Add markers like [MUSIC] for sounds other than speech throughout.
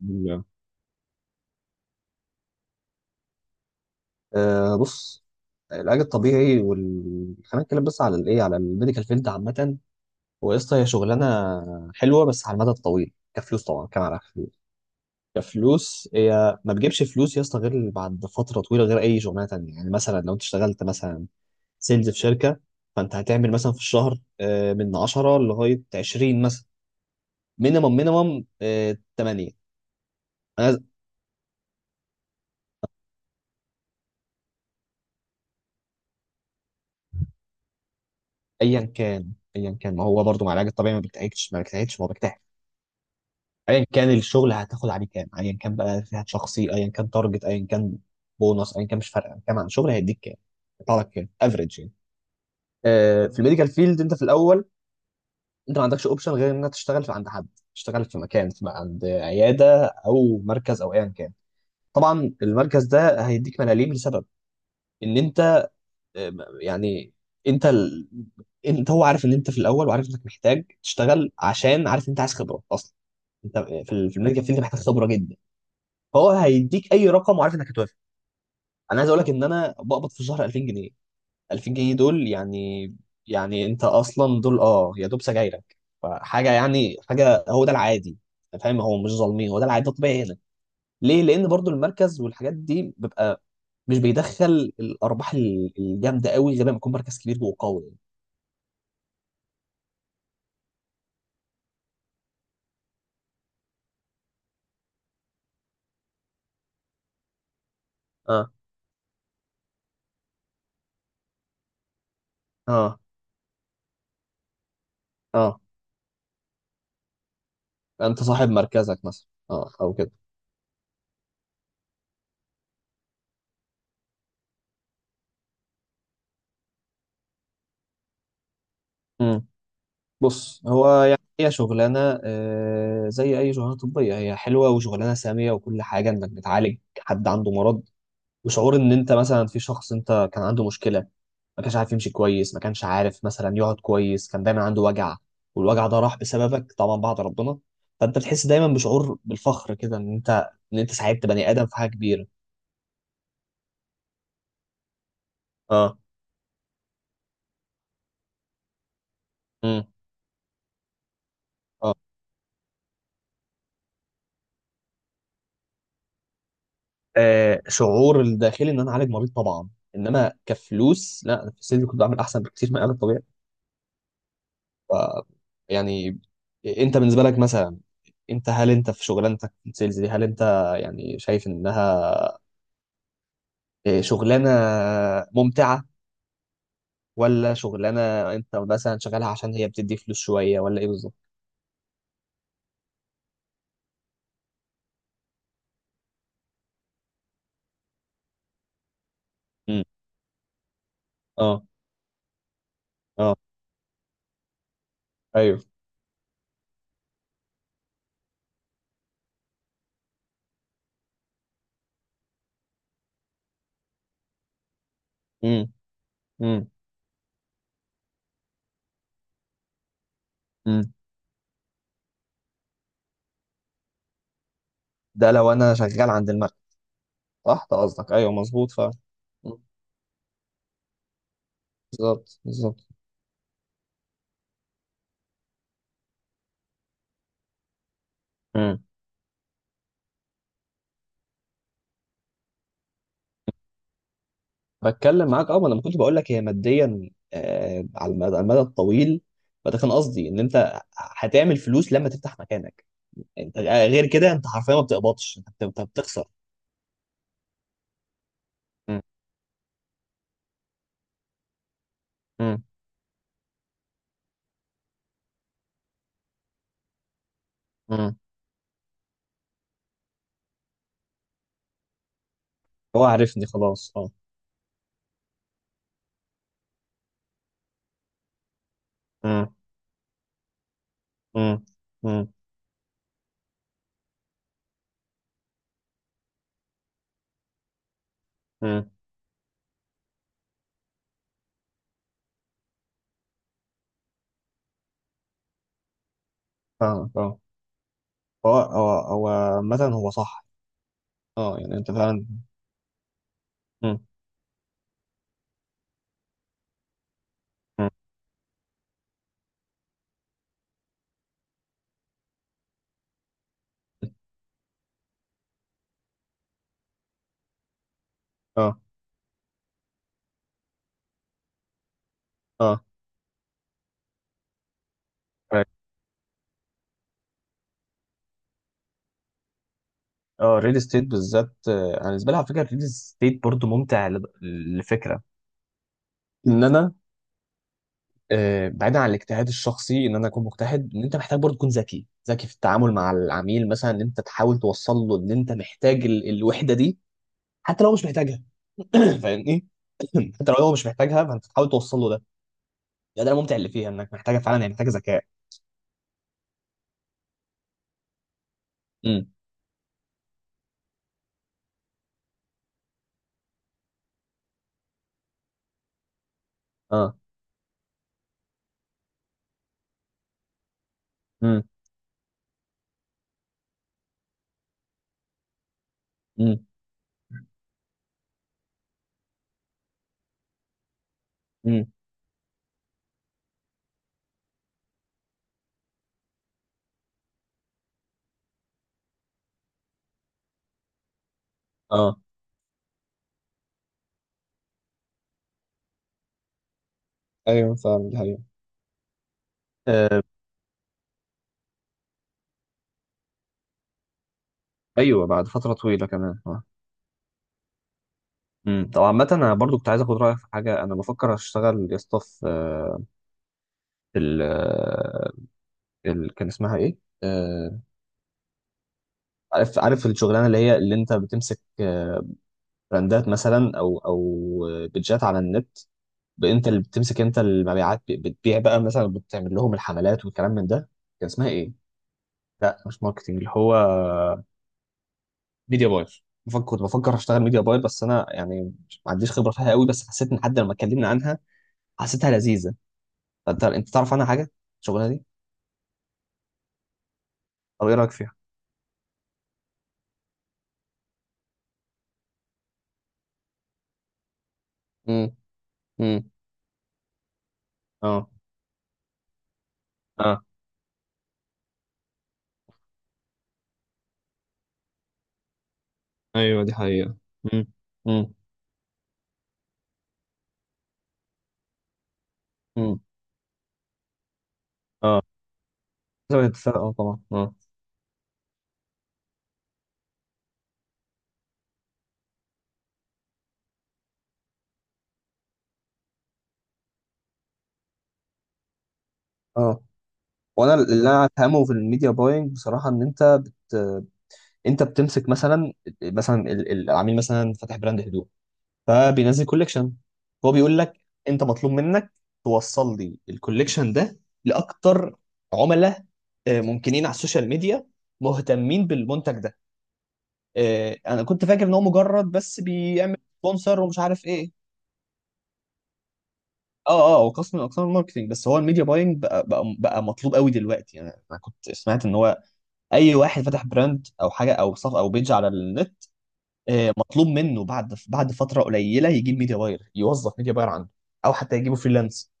لا. بص. العلاج الطبيعي خلينا نتكلم بس على الايه على الميديكال فيلد عامة. هو قصة هي شغلانة حلوة، بس على المدى الطويل كفلوس، طبعا كمان على فلوس. كفلوس هي ما بتجيبش فلوس يا اسطى غير بعد فترة طويلة، غير أي شغلانة تانية. يعني مثلا لو أنت اشتغلت مثلا سيلز في شركة، فأنت هتعمل مثلا في الشهر، من 10 لغاية 20 مثلا، مينيمم، 8. أنا أيا كان، أيا كان، ما هو برضه مع العلاج الطبيعي ما بيجتهدش، ما بيجتهدش، هو بيجتهد. ايا كان الشغل، هتاخد عليه كام؟ ايا كان بقى فئات شخصي، ايا كان تارجت، ايا كان بونص، ايا كان، مش فارقه كام. عن شغل هيديك كام، يطلع لك كام افريج يعني. في الميديكال فيلد، انت في الاول انت ما عندكش اوبشن غير انك تشتغل في عند حد، تشتغل في مكان، في عند عياده او مركز او ايا كان. طبعا المركز ده هيديك ملاليم لسبب ان انت آه، يعني انت ال... انت، هو عارف ان انت في الاول، وعارف انك محتاج تشتغل، عشان عارف ان انت عايز خبره اصلا. انت في الميديكال فيلد محتاج خبره جدا. فهو هيديك اي رقم وعارف انك هتوافق. انا عايز اقول لك ان انا بقبض في الشهر 2000 جنيه. 2000 جنيه دول يعني، يعني انت اصلا دول يا دوب سجايرك. فحاجه، يعني حاجه، هو ده العادي. أنت فاهم، هو مش ظالمين، هو ده العادي، ده الطبيعي هنا. ليه؟ لان برضو المركز والحاجات دي بيبقى مش بيدخل الارباح الجامده قوي غير لما يكون مركز كبير وقوي يعني. اه، اه، اه، انت صاحب مركزك مثلا، اه او كده. بص، هو يعني هي شغلانة، زي أي شغلانة طبية، هي حلوة وشغلانة سامية وكل حاجة، إنك بتعالج حد عنده مرض، وشعور إن أنت مثلا في شخص أنت كان عنده مشكلة، ما كانش عارف يمشي كويس، ما كانش عارف مثلا يقعد كويس، كان دايما عنده وجع، والوجع ده راح بسببك طبعا بعد ربنا، فأنت بتحس دايما بشعور بالفخر كده، إن أنت إن أنت ساعدت بني آدم في حاجة كبيرة. اه. امم. اه. شعور الداخلي إن أنا أعالج مريض طبعا، إنما كفلوس لا، أنا في السن كنت بعمل أحسن بكتير من العلاج الطبيعي. ف- يعني انت بالنسبه لك مثلا، انت هل انت في شغلانتك في السيلز دي، هل انت يعني شايف انها شغلانه ممتعه، ولا شغلانه انت مثلا شغالها عشان هي بتدي فلوس شويه، ولا ايه بالظبط؟ امم. اه. اه. ايوه. امم. امم. امم. ده لو انا شغال عند المكتب. صح، ده قصدك، ايوه، مظبوط فعلا. مم. بالظبط، بالظبط. مم. بتكلم معاك، اه. ما انا ما كنتش بقول لك، هي ماديا على المدى، الطويل. فده كان قصدي ان انت هتعمل فلوس لما تفتح مكانك. انت غير كده انت حرفيا ما بتقبضش، أنت بتخسر. مم. مم. مم. هو عارفني خلاص، اه. مم. مم. مم. مم. فاهمك، اه. هو هو هو عامة هو صح، اه، يعني انت فعلا. مم. مم. اه. اه. Right. اه، الريل استيت بالذات، انا بالنسبه لي على فكره الريل استيت برضو ممتع لفكره ان انا، بعيدا عن الاجتهاد الشخصي ان انا اكون مجتهد، ان انت محتاج برضه تكون ذكي، ذكي في التعامل مع العميل. مثلا ان انت تحاول توصل له ان انت محتاج الوحده دي، حتى لو هو مش محتاجها. [CLEARS THROAT] فاهمني؟ حتى لو هو مش محتاجها، فانت تحاول توصل له ده الممتع اللي فيها، انك محتاجه فعلا، هي محتاجه ذكاء. امم. اه. امم. امم. امم. اه. ايوه، فعلا دي حقيقة. آه، ايوه، بعد فتره طويله كمان، اه. طب عامة، انا برضو كنت عايز اخد رايك في حاجه. انا بفكر اشتغل يا اسطى في في ال آه، كان اسمها ايه؟ آه، عارف، الشغلانه اللي هي، اللي انت بتمسك براندات مثلا او او، بيدجات على النت. انت اللي بتمسك انت المبيعات، بتبيع بقى مثلا، بتعمل لهم الحملات والكلام من ده. كان اسمها ايه؟ لا، مش ماركتنج، اللي هو ميديا باير. بفكر، كنت بفكر اشتغل ميديا باير، بس انا يعني ما عنديش خبره فيها قوي، بس حسيت، ان حد لما اتكلمنا عنها حسيتها لذيذه. فانت، انت تعرف عنها حاجه الشغلانه دي؟ او ايه رايك فيها؟ امم. امم. اه. اه، ايوه، دي حقيقة. مم. امم. امم. اه، حسب الاتفاق، اه، طبعا، اه. اه. وانا اللي انا افهمه في الميديا باينج بصراحه، ان انت بت... انت بتمسك مثلا، مثلا العميل مثلا فاتح براند هدوم، فبينزل كوليكشن، هو بيقول لك انت مطلوب منك توصل لي الكوليكشن ده لاكتر عملاء، ممكنين على السوشيال ميديا، مهتمين بالمنتج ده. انا كنت فاكر ان هو مجرد بس بيعمل سبونسر ومش عارف ايه. اه. اه، هو قسم من اقسام الماركتينج، بس هو الميديا باينج بقى، مطلوب قوي دلوقتي. يعني انا كنت سمعت ان هو اي واحد فتح براند او حاجه او صف او بيج على النت، مطلوب منه بعد، فتره قليله، يجيب ميديا باير، يوظف ميديا باير عنده، او حتى يجيبه فريلانس.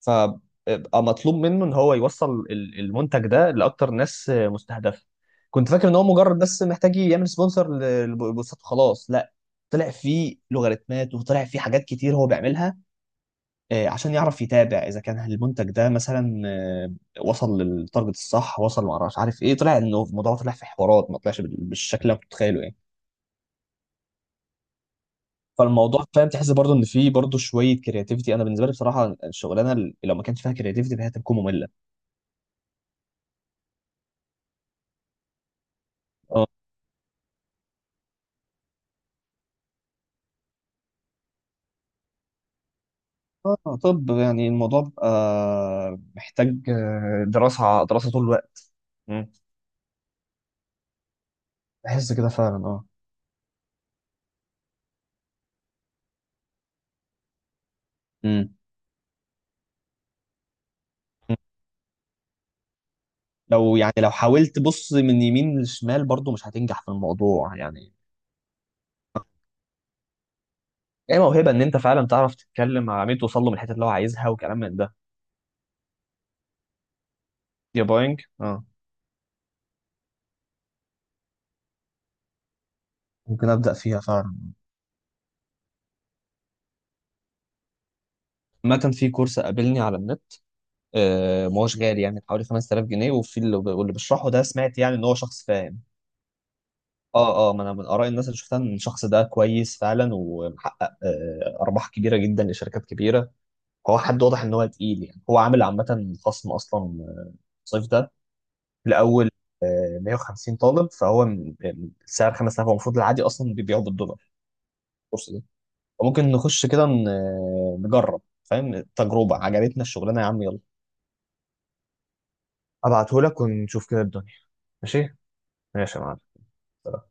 فبقى مطلوب منه ان هو يوصل المنتج ده لاكتر ناس مستهدفه. كنت فاكر ان هو مجرد بس محتاج يعمل سبونسر للبوستات وخلاص، لا، طلع فيه لوغاريتمات، وطلع فيه حاجات كتير هو بيعملها، عشان يعرف يتابع اذا كان المنتج ده مثلا وصل للتارجت الصح، وصل، ما اعرفش عارف ايه. طلع انه الموضوع طلع في حوارات، ما طلعش بالشكل اللي أنا كنت متخيله يعني. فالموضوع، فاهم، تحس برضه ان في برضه شويه كرياتيفيتي. انا بالنسبه لي بصراحه، الشغلانه اللي لو ما كانش فيها كرياتيفيتي، فهي هتكون ممله. اه. طب يعني الموضوع بقى محتاج دراسه، دراسه طول الوقت. مم. بحس كده فعلا، اه. مم. لو يعني لو حاولت بص من يمين لشمال برضو، مش هتنجح في الموضوع يعني. ايه، موهبه، ان انت فعلا تعرف تتكلم مع عميل، توصل له من الحته اللي هو عايزها، وكلام من ده. يا بوينج، اه. ممكن ابدا فيها فعلا. عامة، في كورس قابلني على النت، آه، ما هوش غالي، يعني حوالي 5000 جنيه. واللي بيشرحه ده، سمعت يعني ان هو شخص فاهم. اه. اه، ما انا من اراء الناس اللي شفتها، ان الشخص ده كويس فعلا، ومحقق آه ارباح كبيره جدا لشركات كبيره. هو حد واضح ان هو تقيل، يعني هو عامل عامه خصم اصلا، الصيف ده، لاول 150 طالب. فهو سعر 5000، هو المفروض العادي اصلا بيبيعه بالدولار الكورس. وممكن نخش كده، نجرب، فاهم، تجربة، عجبتنا الشغلانه يا عم، يلا. ابعتهولك ونشوف كده الدنيا. ماشي. ماشي يا معلم.